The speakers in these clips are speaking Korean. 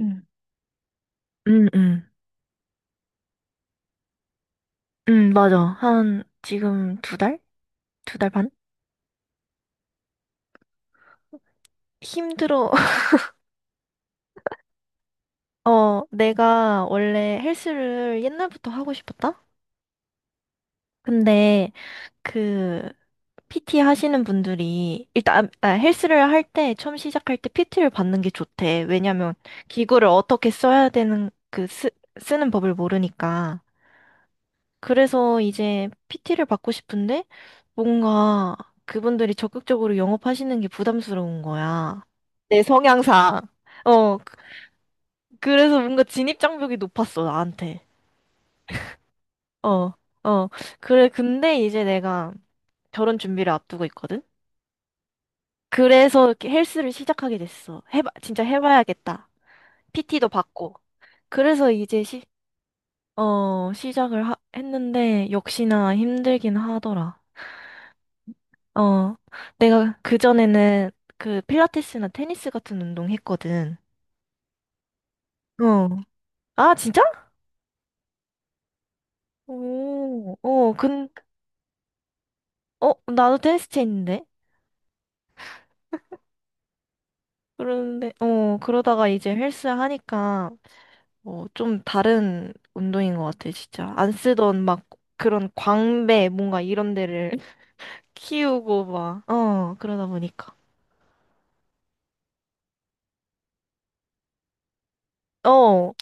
응, 응, 응. 응, 맞아. 한, 지금 두 달? 두 달 반? 힘들어. 내가 원래 헬스를 옛날부터 하고 싶었다? 근데, 그, PT 하시는 분들이, 일단, 헬스를 할 때, 처음 시작할 때 PT를 받는 게 좋대. 왜냐면, 기구를 어떻게 써야 되는, 쓰는 법을 모르니까. 그래서 이제 PT를 받고 싶은데 뭔가 그분들이 적극적으로 영업하시는 게 부담스러운 거야. 내 성향상. 어, 그- 그래서 뭔가 진입 장벽이 높았어, 나한테. 어, 어. 그래, 근데 이제 내가 결혼 준비를 앞두고 있거든? 그래서 이렇게 헬스를 시작하게 됐어. 해봐, 진짜 해봐야겠다. PT도 받고. 그래서 이제 시작을 했는데, 역시나 힘들긴 하더라. 어, 내가 그전에는 그 필라테스나 테니스 같은 운동 했거든. 어. 아, 진짜? 오, 나도 테니스 채인데? 그런데, 그러다가 이제 헬스 하니까, 좀 다른 운동인 것 같아, 진짜. 안 쓰던 막 그런 광배, 뭔가 이런 데를 키우고 막, 그러다 보니까. 어,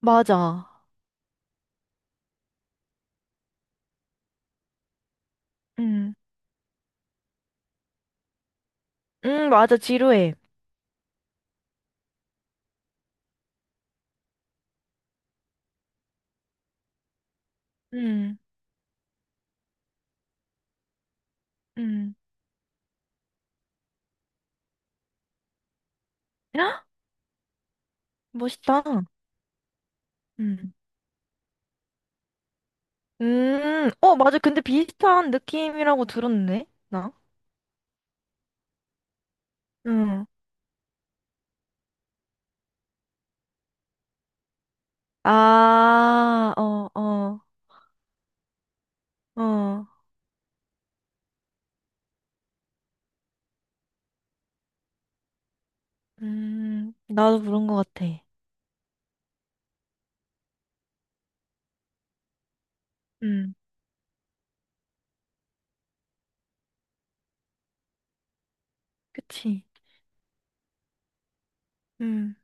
맞아. 응, 응, 맞아, 지루해. 응, 응. 멋있다. 응. 맞아. 근데 비슷한 느낌이라고 들었네, 나. 응. 아, 어, 어, 어. 나도 그런 것 같아. 음, 그치. 음,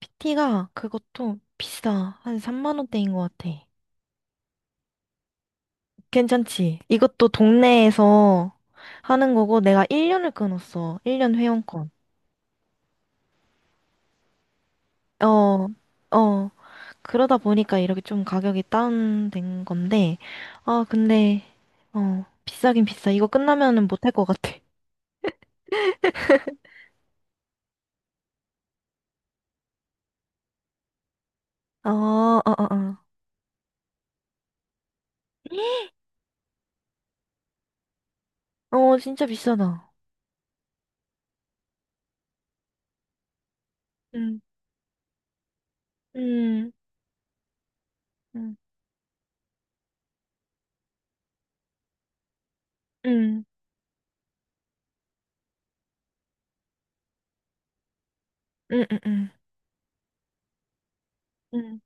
PT가 그것도 비싸. 한 3만 원대인 것 같아. 괜찮지? 이것도 동네에서 하는 거고, 내가 1년을 끊었어. 1년 회원권. 어, 어. 그러다 보니까 이렇게 좀 가격이 다운된 건데, 근데, 비싸긴 비싸. 이거 끝나면은 못할 것 같아. 어, 어, 어, 어. 진짜 비싸다. 음, 음, 음, 음, 음, 음, 음. 음,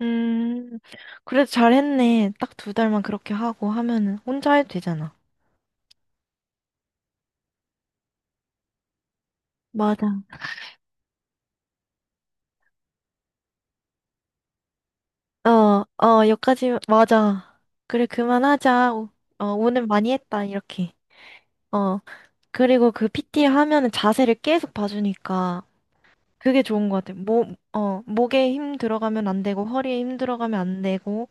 음. 그래도 잘했네. 딱 두 달만 그렇게 하고 하면은 혼자 해도 되잖아. 맞아. 어, 어, 여기까지, 맞아. 그래, 그만하자. 오늘 많이 했다, 이렇게. 어. 그리고 그 PT 하면은 자세를 계속 봐주니까 그게 좋은 것 같아. 목에 힘 들어가면 안 되고, 허리에 힘 들어가면 안 되고,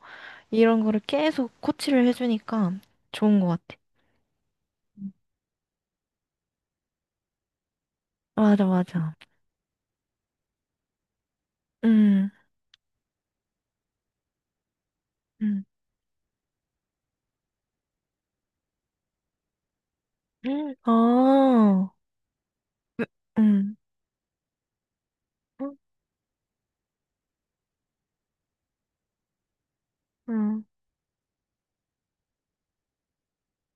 이런 거를 계속 코치를 해주니까 좋은 것 같아. 맞아, 맞아. 음, 음, 아, 음, 음, 음,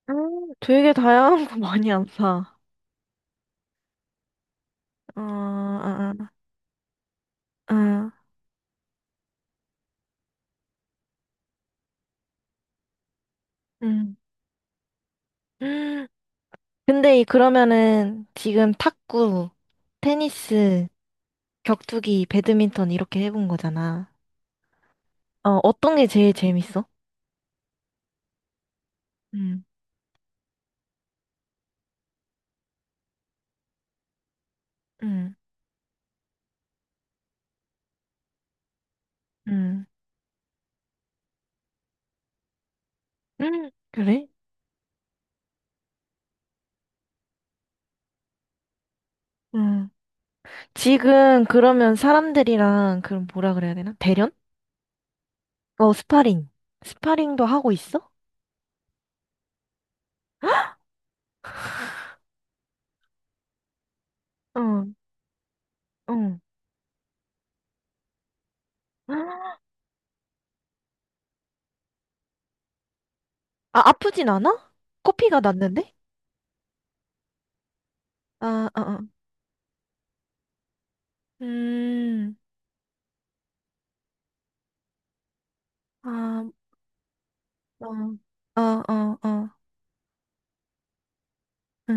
되게 다양한 거 많이 안 사. 어, 아, 아, 아, 음. 근데 그러면은 지금 탁구, 테니스, 격투기, 배드민턴 이렇게 해본 거잖아. 어떤 게 제일 재밌어? 응, 응, 응, 응. 그래? 응, 지금 그러면 사람들이랑 그럼 뭐라 그래야 되나? 대련? 어, 스파링. 스파링도 하고 있어? 응, 응. 아, 아프진 않아? 코피가 났는데? 아, 아, 아, 음, 아, 어, 어, 어, 어.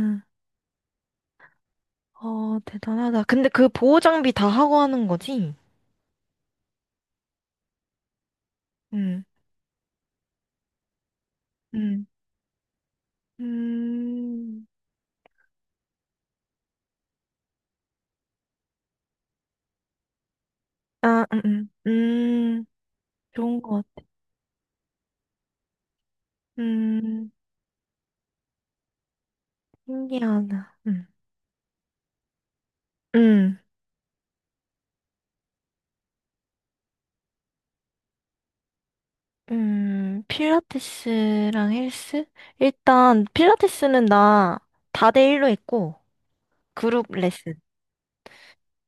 응. 대단하다. 근데 그 보호 장비 다 하고 하는 거지? 응응, 음, 아, 음. 좋은 것 같아. 음, 신기하다. 음, 필라테스랑 헬스? 일단, 필라테스는 나 다 대일로 했고, 그룹 레슨.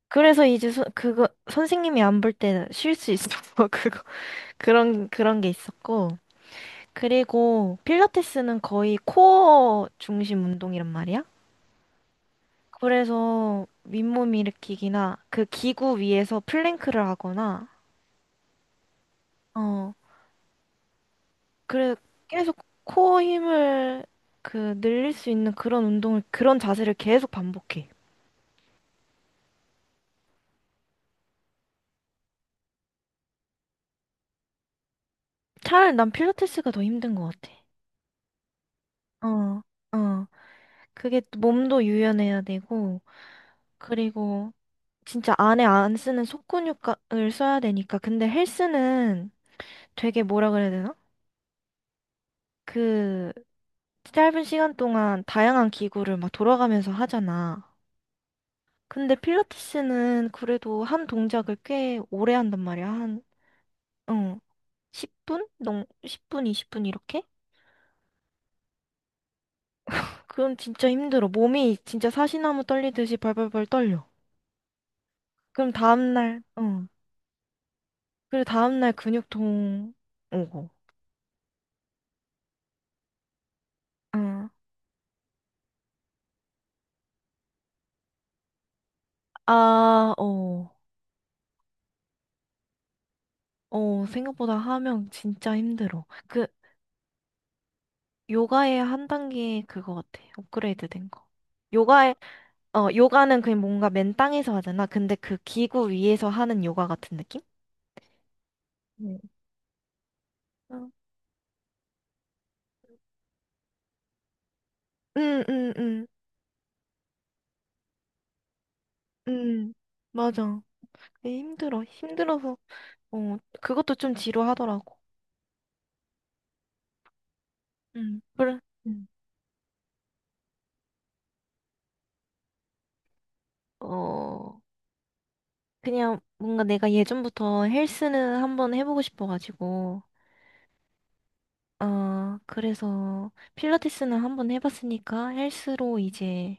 그래서 이제 그거, 선생님이 안 볼 때 쉴 수 있어. 그거, 그런 게 있었고. 그리고 필라테스는 거의 코어 중심 운동이란 말이야. 그래서 윗몸 일으키기나 그 기구 위에서 플랭크를 하거나 어 그래 계속 코어 힘을 늘릴 수 있는 그런 운동을 그런 자세를 계속 반복해. 차라리 난 필라테스가 더 힘든 것 같아. 어, 어. 그게 또 몸도 유연해야 되고, 그리고 진짜 안에 안 쓰는 속근육을 써야 되니까. 근데 헬스는 되게 뭐라 그래야 되나? 그 짧은 시간 동안 다양한 기구를 막 돌아가면서 하잖아. 근데 필라테스는 그래도 한 동작을 꽤 오래 한단 말이야. 한, 어, 10분? 10분, 20분 이렇게? 그럼 진짜 힘들어. 몸이 진짜 사시나무 떨리듯이 벌벌벌 떨려. 그럼 다음날, 어. 그리고 다음날 근육통 오고. 어. 아, 어. 생각보다 하면 진짜 힘들어. 요가의 한 단계 그거 같아. 업그레이드 된 거. 요가의 요가는 그냥 뭔가 맨 땅에서 하잖아. 근데 그 기구 위에서 하는 요가 같은 느낌? 네. 응, 응, 응, 응, 응. 맞아. 그게 힘들어. 힘들어서, 그것도 좀 지루하더라고. 응, 그래. 음. 어, 그냥 뭔가 내가 예전부터 헬스는 한번 해보고 싶어가지고, 그래서 필라테스는 한번 해봤으니까 헬스로 이제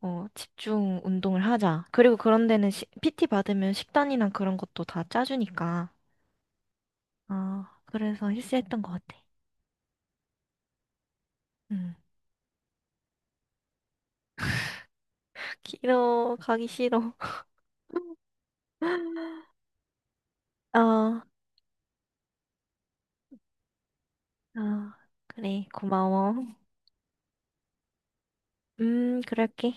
집중 운동을 하자. 그리고 그런 데는 PT 받으면 식단이나 그런 것도 다 짜주니까. 아, 그래서 힐스했던 것 같아. 응. 싫어, 가기 싫어. 아, 아, 그래, 고마워. 그럴게.